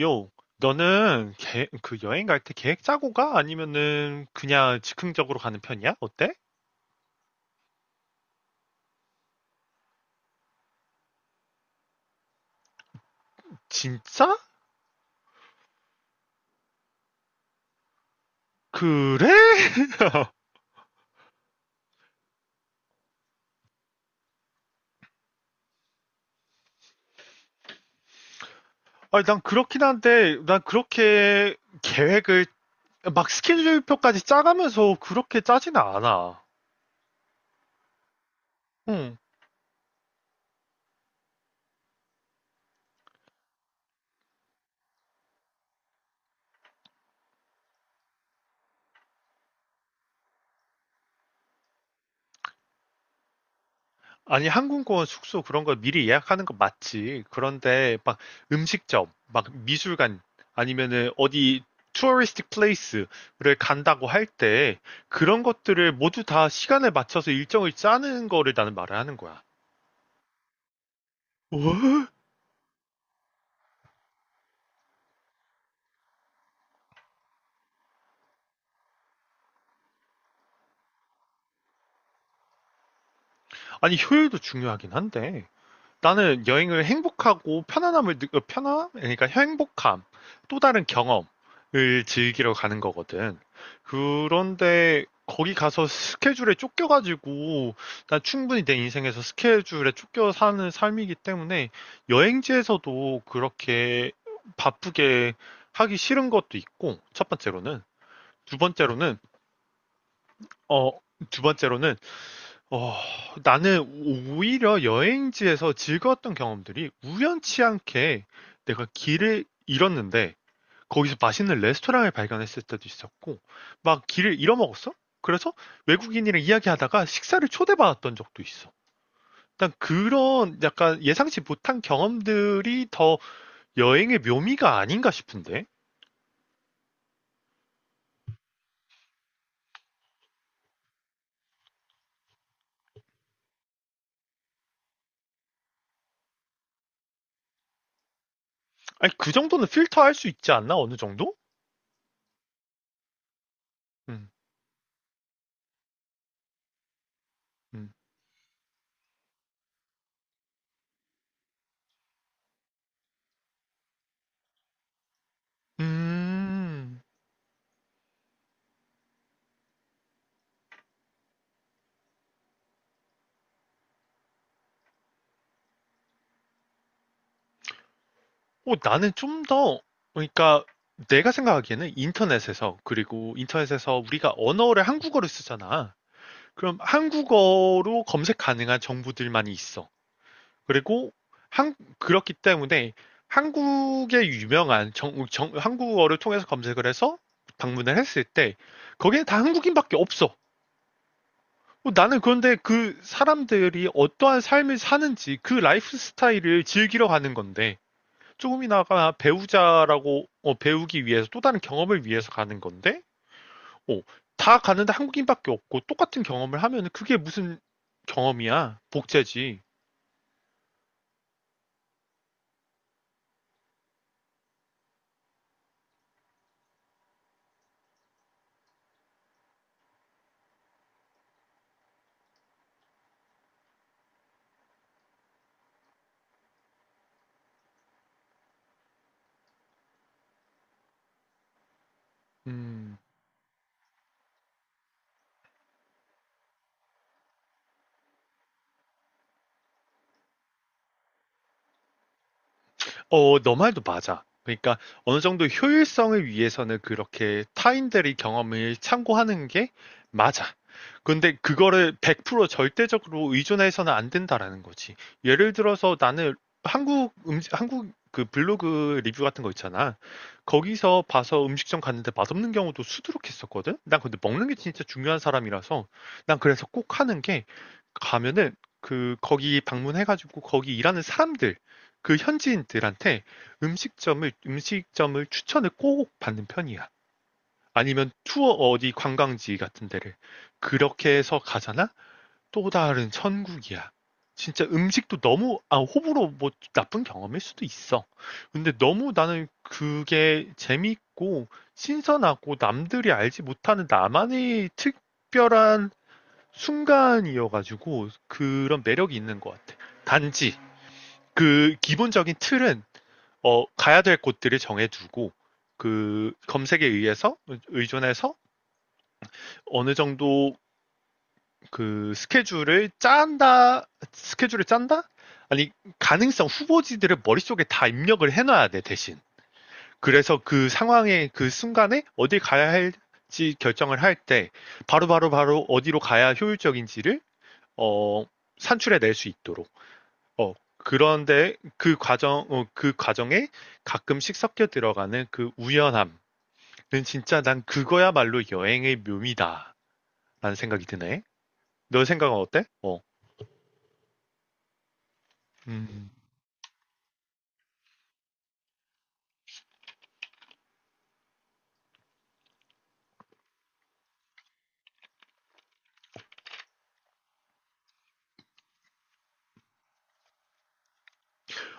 요, 너는 그 여행 갈 때 계획 짜고 가? 아니면은 그냥 즉흥적으로 가는 편이야? 어때? 진짜? 그래? 아니, 난 그렇긴 한데, 난 그렇게 계획을 막 스케줄표까지 짜가면서 그렇게 짜지는 않아. 응. 아니, 항공권 숙소 그런 거 미리 예약하는 거 맞지. 그런데 막 음식점, 막 미술관 아니면은 어디 투어리스틱 플레이스를 간다고 할 때 그런 것들을 모두 다 시간에 맞춰서 일정을 짜는 거를 나는 말을 하는 거야. 어? 아니, 효율도 중요하긴 한데. 나는 여행을 행복하고 편안함을 편안 그러니까 행복함 또 다른 경험을 즐기러 가는 거거든. 그런데 거기 가서 스케줄에 쫓겨가지고 난 충분히 내 인생에서 스케줄에 쫓겨 사는 삶이기 때문에 여행지에서도 그렇게 바쁘게 하기 싫은 것도 있고 첫 번째로는 두 번째로는 어 두 번째로는 어, 나는 오히려 여행지에서 즐거웠던 경험들이 우연치 않게 내가 길을 잃었는데 거기서 맛있는 레스토랑을 발견했을 때도 있었고 막 길을 잃어먹었어? 그래서 외국인이랑 이야기하다가 식사를 초대받았던 적도 있어. 난 그런 약간 예상치 못한 경험들이 더 여행의 묘미가 아닌가 싶은데? 아니, 그 정도는 필터할 수 있지 않나? 어느 정도? 음. 음. 음. 나는 좀 더, 그러니까 내가 생각하기에는 인터넷에서, 그리고 인터넷에서 우리가 언어를 한국어를 쓰잖아. 그럼 한국어로 검색 가능한 정보들만이 있어. 그리고 그렇기 때문에 한국의 유명한 한국어를 통해서 검색을 해서 방문을 했을 때 거기에 다 한국인밖에 없어. 나는 그런데 그 사람들이 어떠한 삶을 사는지 그 라이프 스타일을 즐기러 가는 건데 조금이나마 배우자라고 배우기 위해서 또 다른 경험을 위해서 가는 건데 어, 다 가는데 한국인밖에 없고 똑같은 경험을 하면 그게 무슨 경험이야 복제지. 음. 너 말도 맞아. 그러니까 어느 정도 효율성을 위해서는 그렇게 타인들의 경험을 참고하는 게 맞아. 근데 그거를 100% 절대적으로 의존해서는 안 된다라는 거지. 예를 들어서 나는 한국 음식, 한국 그 블로그 리뷰 같은 거 있잖아. 거기서 봐서 음식점 갔는데 맛없는 경우도 수두룩했었거든? 난 근데 먹는 게 진짜 중요한 사람이라서 난 그래서 꼭 하는 게 가면은 그 거기 방문해가지고 거기 일하는 사람들 그 현지인들한테 음식점을 추천을 꼭 받는 편이야. 아니면 투어 어디 관광지 같은 데를 그렇게 해서 가잖아? 또 다른 천국이야. 진짜 음식도 너무 아 호불호 뭐 나쁜 경험일 수도 있어. 근데 너무 나는 그게 재밌고 신선하고 남들이 알지 못하는 나만의 특별한 순간이어가지고 그런 매력이 있는 것 같아. 단지 그 기본적인 틀은 가야 될 곳들을 정해두고 그 검색에 의해서 의존해서 어느 정도 그 스케줄을 짠다 아니 가능성 후보지들을 머릿속에 다 입력을 해놔야 돼 대신 그래서 그 상황에 그 순간에 어디 가야 할지 결정을 할 때 바로바로 바로 어디로 가야 효율적인지를 어 산출해 낼 수 있도록 그런데 그 과정에 가끔씩 섞여 들어가는 그 우연함 그 진짜 난 그거야말로 여행의 묘미다. 라는 생각이 드네. 너 생각은 어때? 어. 음.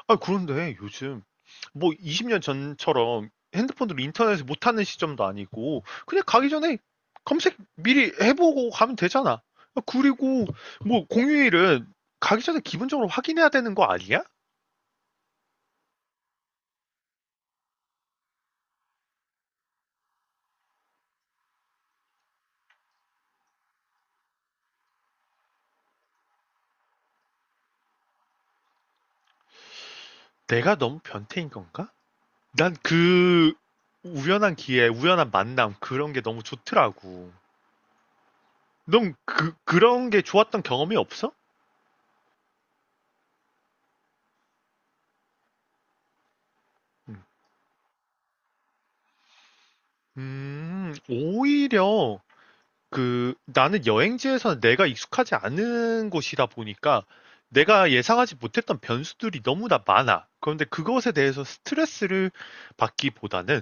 아, 그런데 요즘 뭐 20년 전처럼 핸드폰으로 인터넷을 못하는 시점도 아니고 그냥 가기 전에 검색 미리 해보고 가면 되잖아. 아, 그리고 뭐 공휴일은 가기 전에 기본적으로 확인해야 되는 거 아니야? 내가 너무 변태인 건가? 난 그 우연한 기회, 우연한 만남 그런 게 너무 좋더라고. 넌 그런 게 좋았던 경험이 없어? 음, 오히려 그 나는 여행지에서 내가 익숙하지 않은 곳이다 보니까 내가 예상하지 못했던 변수들이 너무나 많아. 그런데 그것에 대해서 스트레스를 받기보다는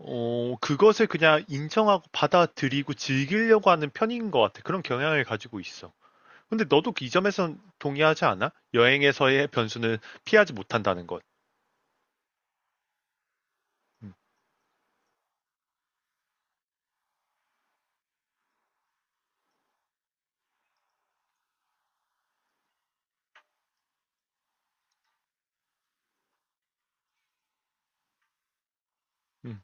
그것을 그냥 인정하고 받아들이고 즐기려고 하는 편인 것 같아. 그런 경향을 가지고 있어. 근데 너도 그 이 점에선 동의하지 않아? 여행에서의 변수는 피하지 못한다는 것. 음, 음.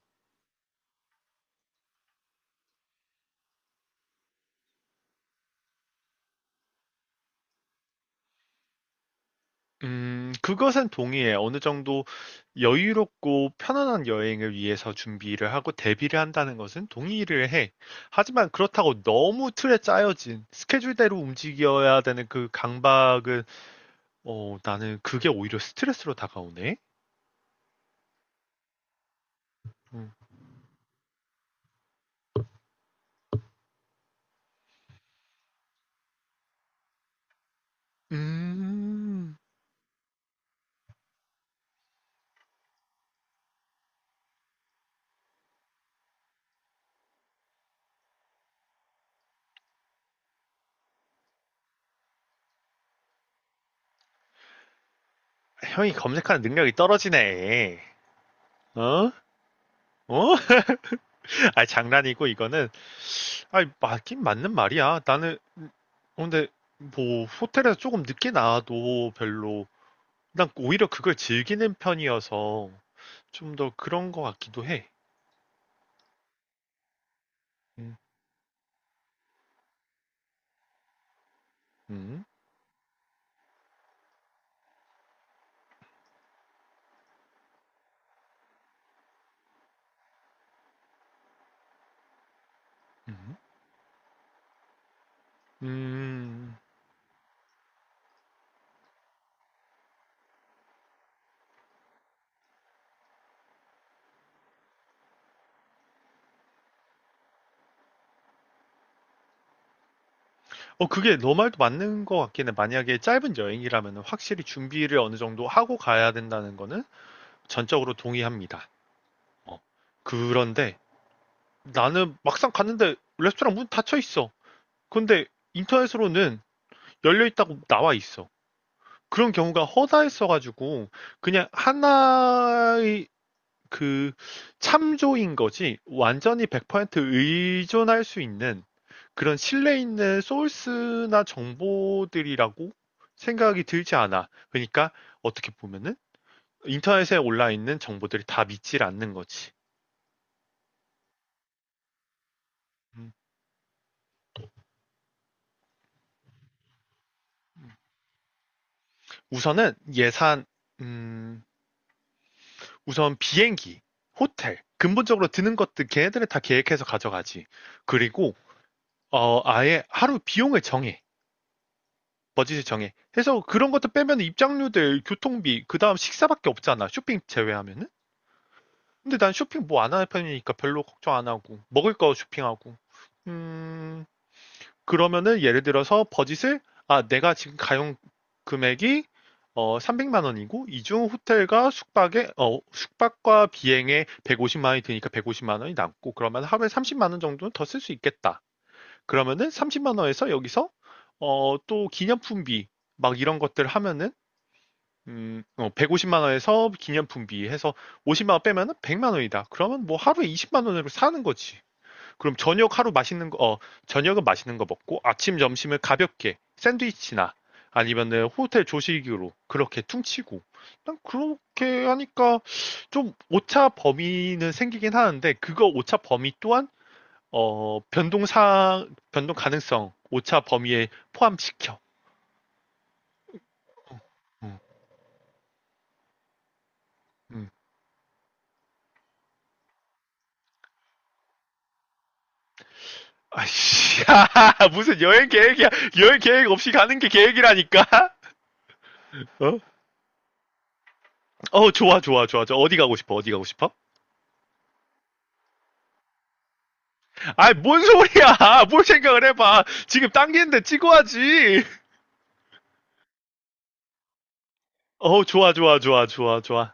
그것은 동의해 어느 정도 여유롭고 편안한 여행을 위해서 준비를 하고 대비를 한다는 것은 동의를 해. 하지만 그렇다고 너무 틀에 짜여진 스케줄대로 움직여야 되는 그 강박은, 나는 그게 오히려 스트레스로 다가오네. 음, 음, 형이 검색하는 능력이 떨어지네. 어? 어? 아, 장난이고, 이거는. 아니, 맞긴 맞는 말이야. 나는, 근데, 뭐, 호텔에서 조금 늦게 나와도 별로, 난 오히려 그걸 즐기는 편이어서, 좀 더 그런 것 같기도 해. 음. 음. 음. 음. 그게 너 말도 맞는 것 같긴 해. 만약에 짧은 여행이라면 확실히 준비를 어느 정도 하고 가야 된다는 거는 전적으로 동의합니다. 어. 그런데, 나는 막상 갔는데, 레스토랑 문 닫혀 있어. 근데, 인터넷으로는 열려 있다고 나와 있어. 그런 경우가 허다했어가지고 그냥 하나의 그 참조인 거지 완전히 100% 의존할 수 있는 그런 신뢰 있는 소스나 정보들이라고 생각이 들지 않아. 그러니까 어떻게 보면은 인터넷에 올라 있는 정보들이 다 믿질 않는 거지. 음, 우선은 예산, 음, 우선 비행기, 호텔, 근본적으로 드는 것들 걔네들은 다 계획해서 가져가지. 그리고 아예 하루 비용을 정해. 버짓을 정해. 해서 그런 것도 빼면 입장료들, 교통비, 그 다음 식사밖에 없잖아. 쇼핑 제외하면은. 근데 난 쇼핑 뭐 안 하는 편이니까 별로 걱정 안 하고. 먹을 거 쇼핑하고. 음, 그러면은 예를 들어서 버짓을, 아, 내가 지금 가용 금액이 300만 원이고, 이중 호텔과 숙박에, 숙박과 비행에 150만 원이 드니까 150만 원이 남고, 그러면 하루에 30만 원 정도는 더 쓸 수 있겠다. 그러면은 30만 원에서 여기서 또 기념품비 막 이런 것들 하면은 150만 원에서 기념품비 해서 50만 원 빼면은 100만 원이다. 그러면 뭐 하루에 20만 원으로 사는 거지. 그럼 저녁 하루 맛있는 거, 저녁은 맛있는 거 먹고 아침 점심을 가볍게 샌드위치나 아니면은 호텔 조식으로 그렇게 퉁치고 난 그렇게 하니까 좀 오차 범위는 생기긴 하는데 그거 오차 범위 또한 어, 변동사, 변동 가능성, 오차 범위에 포함시켜. 음. 음. 아이씨, 무슨 여행 계획이야. 여행 계획 없이 가는 게 계획이라니까? 어? 어, 좋아, 좋아, 좋아. 저 어디 가고 싶어? 어디 가고 싶어? 아이, 뭔 소리야! 뭘 생각을 해봐. 지금 당기는데 찍어야지. 어, 좋아, 좋아, 좋아, 좋아, 좋아.